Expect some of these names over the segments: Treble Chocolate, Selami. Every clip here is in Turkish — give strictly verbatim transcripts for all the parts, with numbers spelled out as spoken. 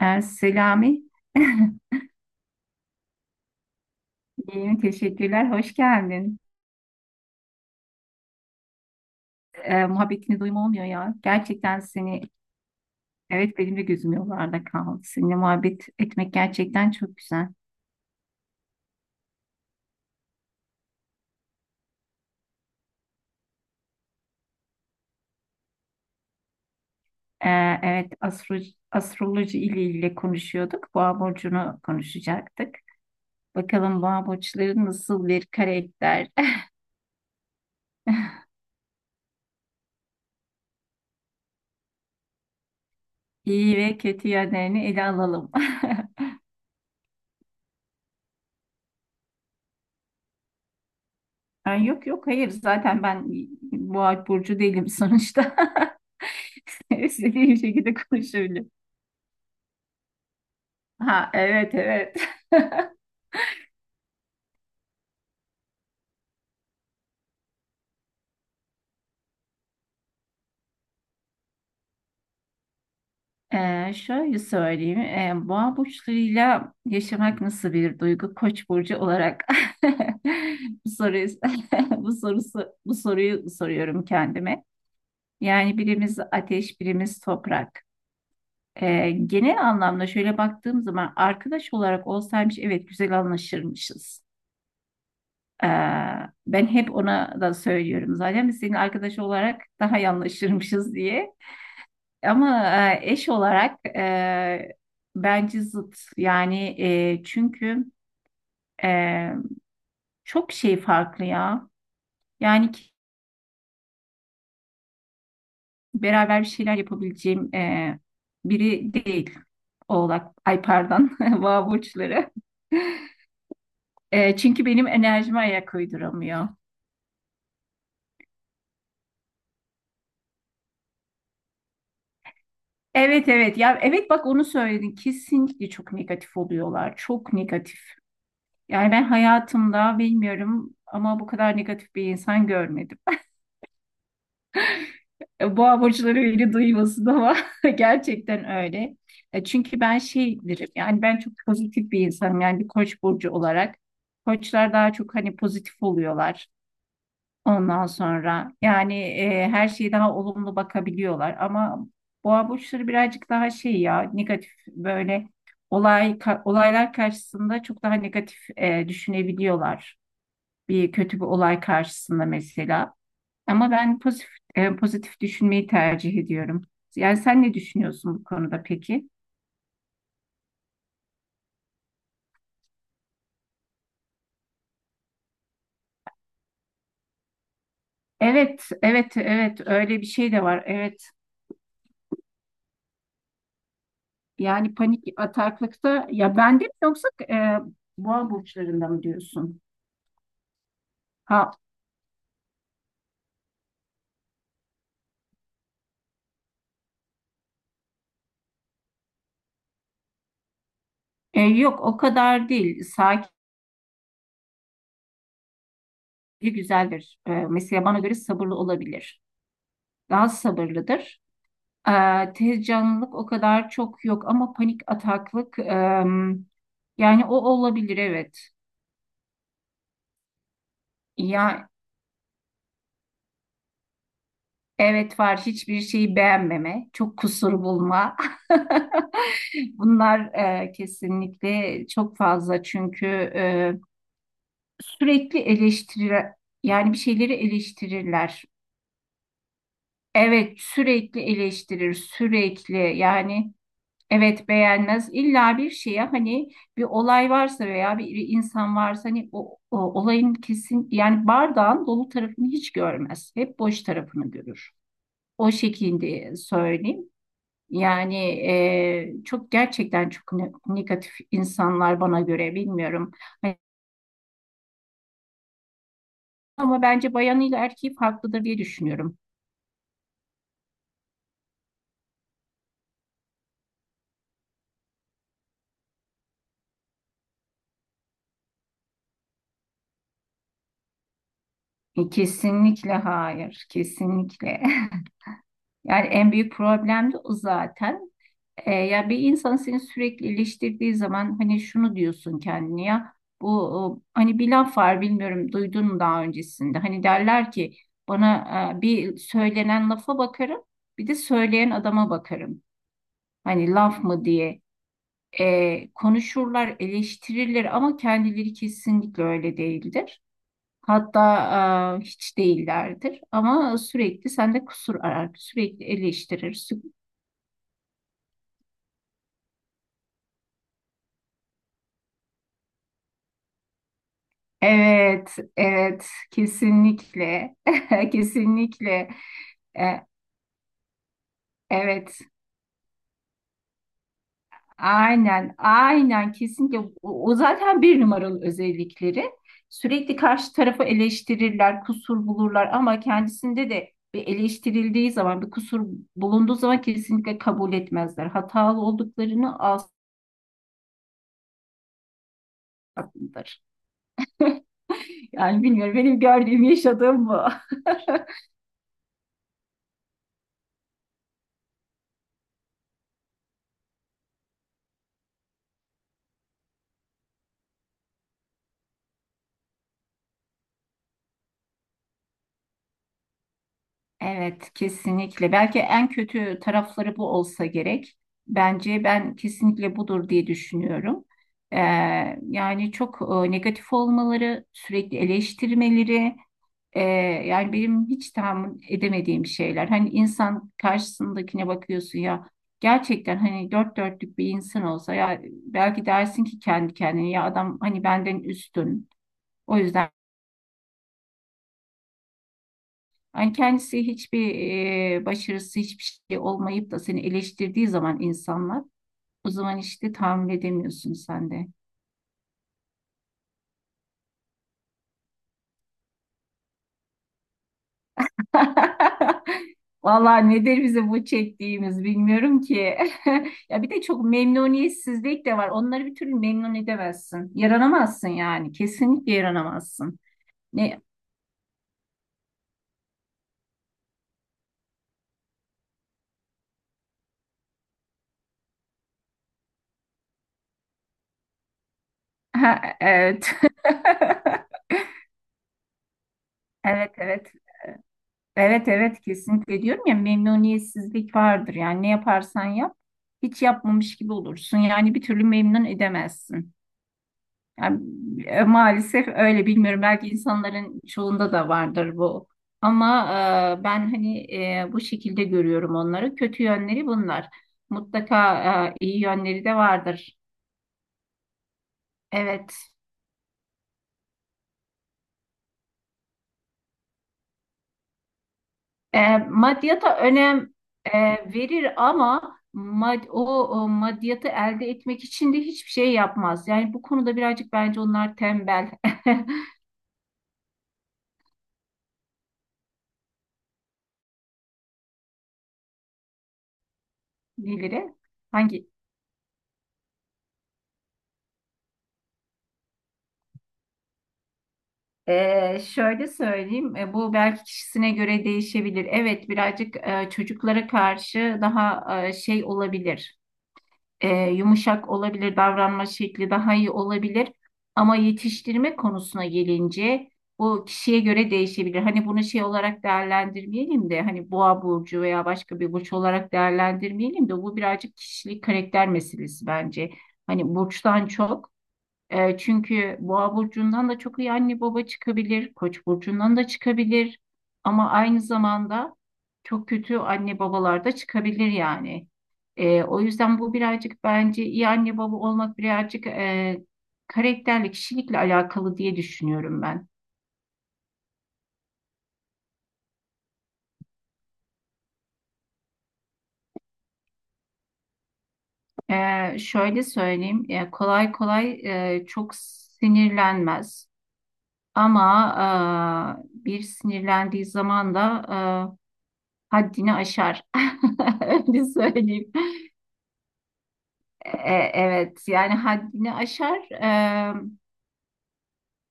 Ee, Selami, iyiyim, teşekkürler, hoş geldin. Ee, muhabbetini duyma olmuyor ya. Gerçekten seni, evet benim de gözüm yollarda kaldı. Seninle muhabbet etmek gerçekten çok güzel. Ee, evet, astro, astroloji ile ilgili konuşuyorduk. Boğa burcunu konuşacaktık. Bakalım boğa burçları nasıl bir karakter? İyi ve kötü yönlerini ele alalım. Ay, yok, yok, hayır zaten ben boğa burcu değilim sonuçta. İstediğim şekilde konuşabilirim. Ha, evet, evet. Ee, şöyle söyleyeyim. Ee, boğa burçlarıyla yaşamak nasıl bir duygu? Koç burcu olarak bu soruyu bu sorusu bu soruyu soruyorum kendime. Yani birimiz ateş, birimiz toprak. Ee, genel anlamda şöyle baktığım zaman arkadaş olarak olsaymış evet güzel anlaşırmışız. Ee, Ben hep ona da söylüyorum zaten biz senin arkadaş olarak daha iyi anlaşırmışız diye. Ama e, eş olarak e, bence zıt. Yani e, çünkü e, çok şey farklı ya. Yani ki- beraber bir şeyler yapabileceğim e, biri değil. Oğlak, ay pardon, boğa burçları. E, çünkü benim enerjime ayak uyduramıyor. Evet, evet ya, evet bak onu söyledin, kesinlikle çok negatif oluyorlar, çok negatif. Yani ben hayatımda bilmiyorum ama bu kadar negatif bir insan görmedim. Boğa burçları öyle duymasın ama gerçekten öyle. E, Çünkü ben şeydirim yani ben çok pozitif bir insanım yani bir koç burcu olarak. Koçlar daha çok hani pozitif oluyorlar ondan sonra. Yani e, her şeye daha olumlu bakabiliyorlar ama boğa burçları birazcık daha şey ya negatif böyle olay ka- olaylar karşısında çok daha negatif e, düşünebiliyorlar. Bir kötü bir olay karşısında mesela. Ama ben pozitif e, pozitif düşünmeyi tercih ediyorum. Yani sen ne düşünüyorsun bu konuda peki? Evet, evet, evet öyle bir şey de var. Evet. Yani panik ataklıkta ya bende mi yoksa e, boğa burçlarında mı diyorsun? Ha, e, yok o kadar değil. Sakin güzeldir. E, mesela bana göre sabırlı olabilir. Daha sabırlıdır. Eee, tez canlılık o kadar çok yok ama panik ataklık, em, yani o olabilir evet. Ya, evet var hiçbir şeyi beğenmeme, çok kusur bulma. Bunlar, eee, kesinlikle çok fazla çünkü eee, sürekli eleştirir yani bir şeyleri eleştirirler. Evet, sürekli eleştirir sürekli yani. Evet, beğenmez. İlla bir şeye hani bir olay varsa veya bir insan varsa hani o, o olayın kesin yani bardağın dolu tarafını hiç görmez. Hep boş tarafını görür. O şekilde söyleyeyim. Yani e, çok gerçekten çok ne- negatif insanlar bana göre bilmiyorum. Hani ama bence bayanıyla erkeği farklıdır diye düşünüyorum. E, kesinlikle hayır. Kesinlikle. Yani en büyük problem de o zaten. E, ya bir insan seni sürekli eleştirdiği zaman hani şunu diyorsun kendine, ya bu o, hani bir laf var bilmiyorum duydun mu daha öncesinde. Hani derler ki bana e, bir söylenen lafa bakarım, bir de söyleyen adama bakarım. Hani laf mı diye, E, konuşurlar, eleştirirler ama kendileri kesinlikle öyle değildir. Hatta e, hiç değillerdir ama sürekli sende kusur arar, sürekli eleştirir, sü- Evet, evet, kesinlikle, kesinlikle. E, evet, aynen, aynen, kesinlikle. O, o zaten bir numaralı özellikleri. Sürekli karşı tarafı eleştirirler, kusur bulurlar ama kendisinde de bir eleştirildiği zaman, bir kusur bulunduğu zaman kesinlikle kabul etmezler. Hatalı olduklarını asla. Yani bilmiyorum, benim gördüğüm, yaşadığım bu. Evet, kesinlikle. Belki en kötü tarafları bu olsa gerek. Bence ben kesinlikle budur diye düşünüyorum. Ee, Yani çok e, negatif olmaları, sürekli eleştirmeleri, e, yani benim hiç tahammül edemediğim şeyler. Hani insan karşısındakine bakıyorsun ya, gerçekten hani dört dörtlük bir insan olsa ya belki dersin ki kendi kendine ya adam hani benden üstün. O yüzden, Yani kendisi hiçbir e, başarısı hiçbir şey olmayıp da seni eleştirdiği zaman insanlar, o zaman işte tahammül edemiyorsun sen de. Vallahi nedir bizim bu çektiğimiz bilmiyorum ki. Ya bir de çok memnuniyetsizlik de var. Onları bir türlü memnun edemezsin. Yaranamazsın yani. Kesinlikle yaranamazsın. Ne? Ha, evet. Evet, evet. Evet, evet kesinlikle diyorum ya, memnuniyetsizlik vardır. Yani ne yaparsan yap hiç yapmamış gibi olursun. Yani bir türlü memnun edemezsin. Yani, e, maalesef öyle bilmiyorum. Belki insanların çoğunda da vardır bu. Ama e, ben hani e, bu şekilde görüyorum onları. Kötü yönleri bunlar. Mutlaka e, iyi yönleri de vardır. Evet. E, maddiyata önem e, verir ama mad o, o maddiyatı elde etmek için de hiçbir şey yapmaz. Yani bu konuda birazcık bence onlar tembel diyebiliriz. Hangi? E, şöyle söyleyeyim, e, bu belki kişisine göre değişebilir. Evet, birazcık e, çocuklara karşı daha e, şey olabilir. E, yumuşak olabilir, davranma şekli daha iyi olabilir. Ama yetiştirme konusuna gelince bu kişiye göre değişebilir. Hani bunu şey olarak değerlendirmeyelim de hani boğa burcu veya başka bir burç olarak değerlendirmeyelim de bu birazcık kişilik karakter meselesi bence. Hani burçtan çok. E, çünkü Boğa burcundan da çok iyi anne baba çıkabilir, Koç burcundan da çıkabilir ama aynı zamanda çok kötü anne babalar da çıkabilir yani. E, o yüzden bu birazcık bence iyi anne baba olmak birazcık e, karakterle, kişilikle alakalı diye düşünüyorum ben. E, şöyle söyleyeyim, e, kolay kolay e, çok sinirlenmez ama e, bir sinirlendiği zaman da haddini aşar. Öyle söyleyeyim. E, evet, yani haddini aşar. E,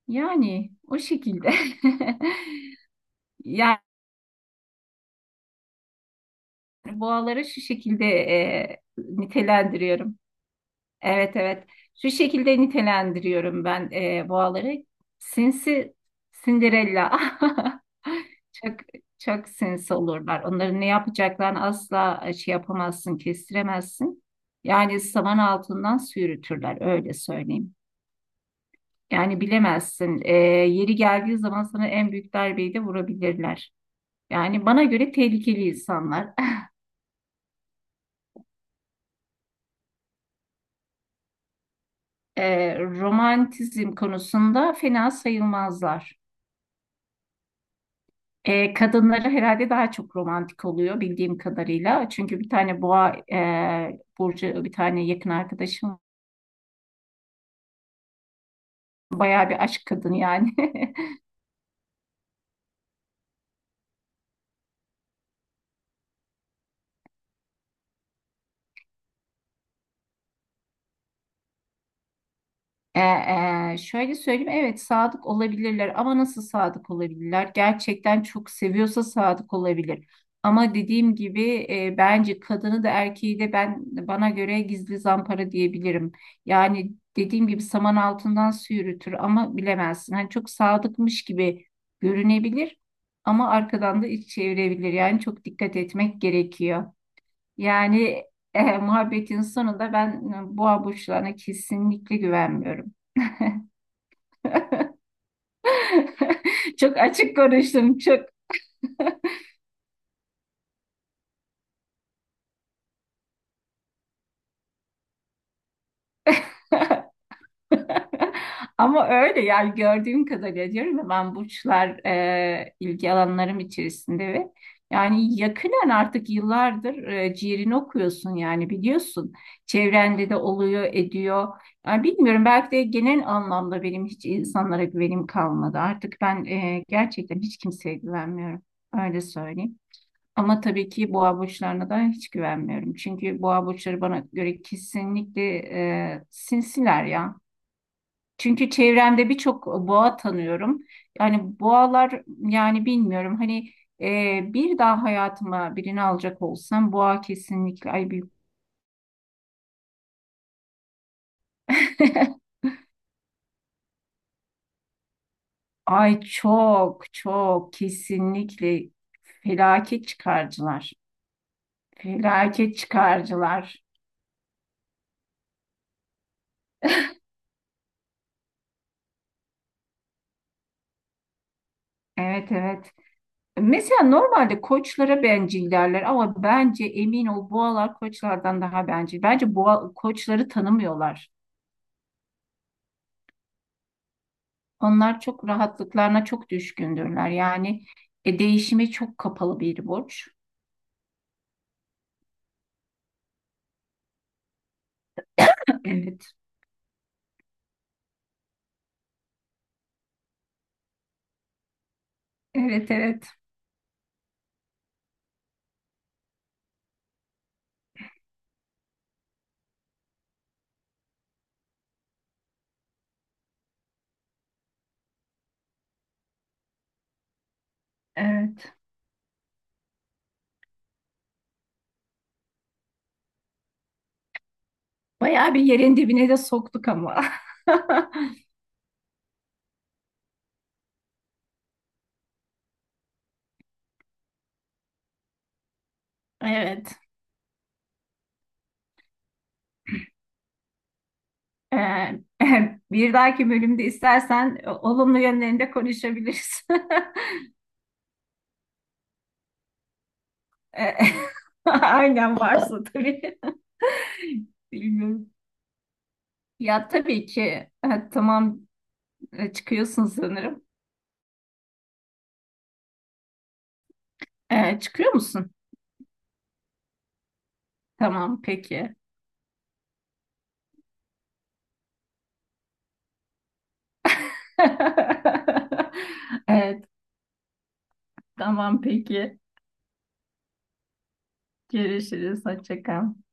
Yani o şekilde. Yani boğaları şu şekilde e, nitelendiriyorum. Evet, evet. Şu şekilde nitelendiriyorum ben e, boğaları. Sinsi Cinderella. Çok çok sinsi olurlar. Onların ne yapacaklarını asla e, şey yapamazsın, kestiremezsin. Yani saman altından sürütürler öyle söyleyeyim. Yani bilemezsin. E, yeri geldiği zaman sana en büyük darbeyi de vurabilirler. Yani bana göre tehlikeli insanlar. E, romantizm konusunda fena sayılmazlar. E, kadınları herhalde daha çok romantik oluyor bildiğim kadarıyla. Çünkü bir tane boğa e, burcu, bir tane yakın arkadaşım bayağı bir aşk kadını yani. E, e, Şöyle söyleyeyim, evet sadık olabilirler ama nasıl sadık olabilirler? Gerçekten çok seviyorsa sadık olabilir. Ama dediğim gibi e, bence kadını da erkeği de ben, bana göre gizli zampara diyebilirim. Yani dediğim gibi saman altından su yürütür ama bilemezsin. Hani çok sadıkmış gibi görünebilir ama arkadan da iç çevirebilir. Yani çok dikkat etmek gerekiyor. Yani e, muhabbetin sonunda ben e, boğa burçlarına kesinlikle güvenmiyorum. Çok açık konuştum çok. Ama öyle yani gördüğüm kadarıyla diyorum ya, ben burçlar e, ilgi alanlarım içerisinde ve yani yakinen artık yıllardır e, ciğerini okuyorsun yani biliyorsun. Çevrende de oluyor ediyor. Yani bilmiyorum, belki de genel anlamda benim hiç insanlara güvenim kalmadı. Artık ben e, gerçekten hiç kimseye güvenmiyorum. Öyle söyleyeyim. Ama tabii ki boğa burçlarına da hiç güvenmiyorum. Çünkü boğa burçları bana göre kesinlikle e, sinsiler ya. Çünkü çevremde birçok boğa tanıyorum. Yani boğalar, yani bilmiyorum hani e, bir daha hayatıma birini alacak olsam boğa kesinlikle, ay büyük. Ay çok çok kesinlikle felaket çıkarcılar. Felaket çıkarcılar. Evet, evet. Mesela normalde koçlara bencil derler ama bence emin ol boğalar koçlardan daha bencil. Bence boğa koçları tanımıyorlar. Onlar çok rahatlıklarına çok düşkündürler. Yani e, değişime çok kapalı bir burç. Evet, evet, evet, evet. Bayağı bir yerin dibine de soktuk ama. Evet. Ee, Bir dahaki bölümde istersen e, olumlu yönlerinde konuşabiliriz. Ee, Aynen varsa tabii. Bilmiyorum. Ya tabii ki, E, tamam, e, çıkıyorsun sanırım. E, çıkıyor musun? Tamam peki. Evet, tamam peki. Görüşürüz. Hoşça kal.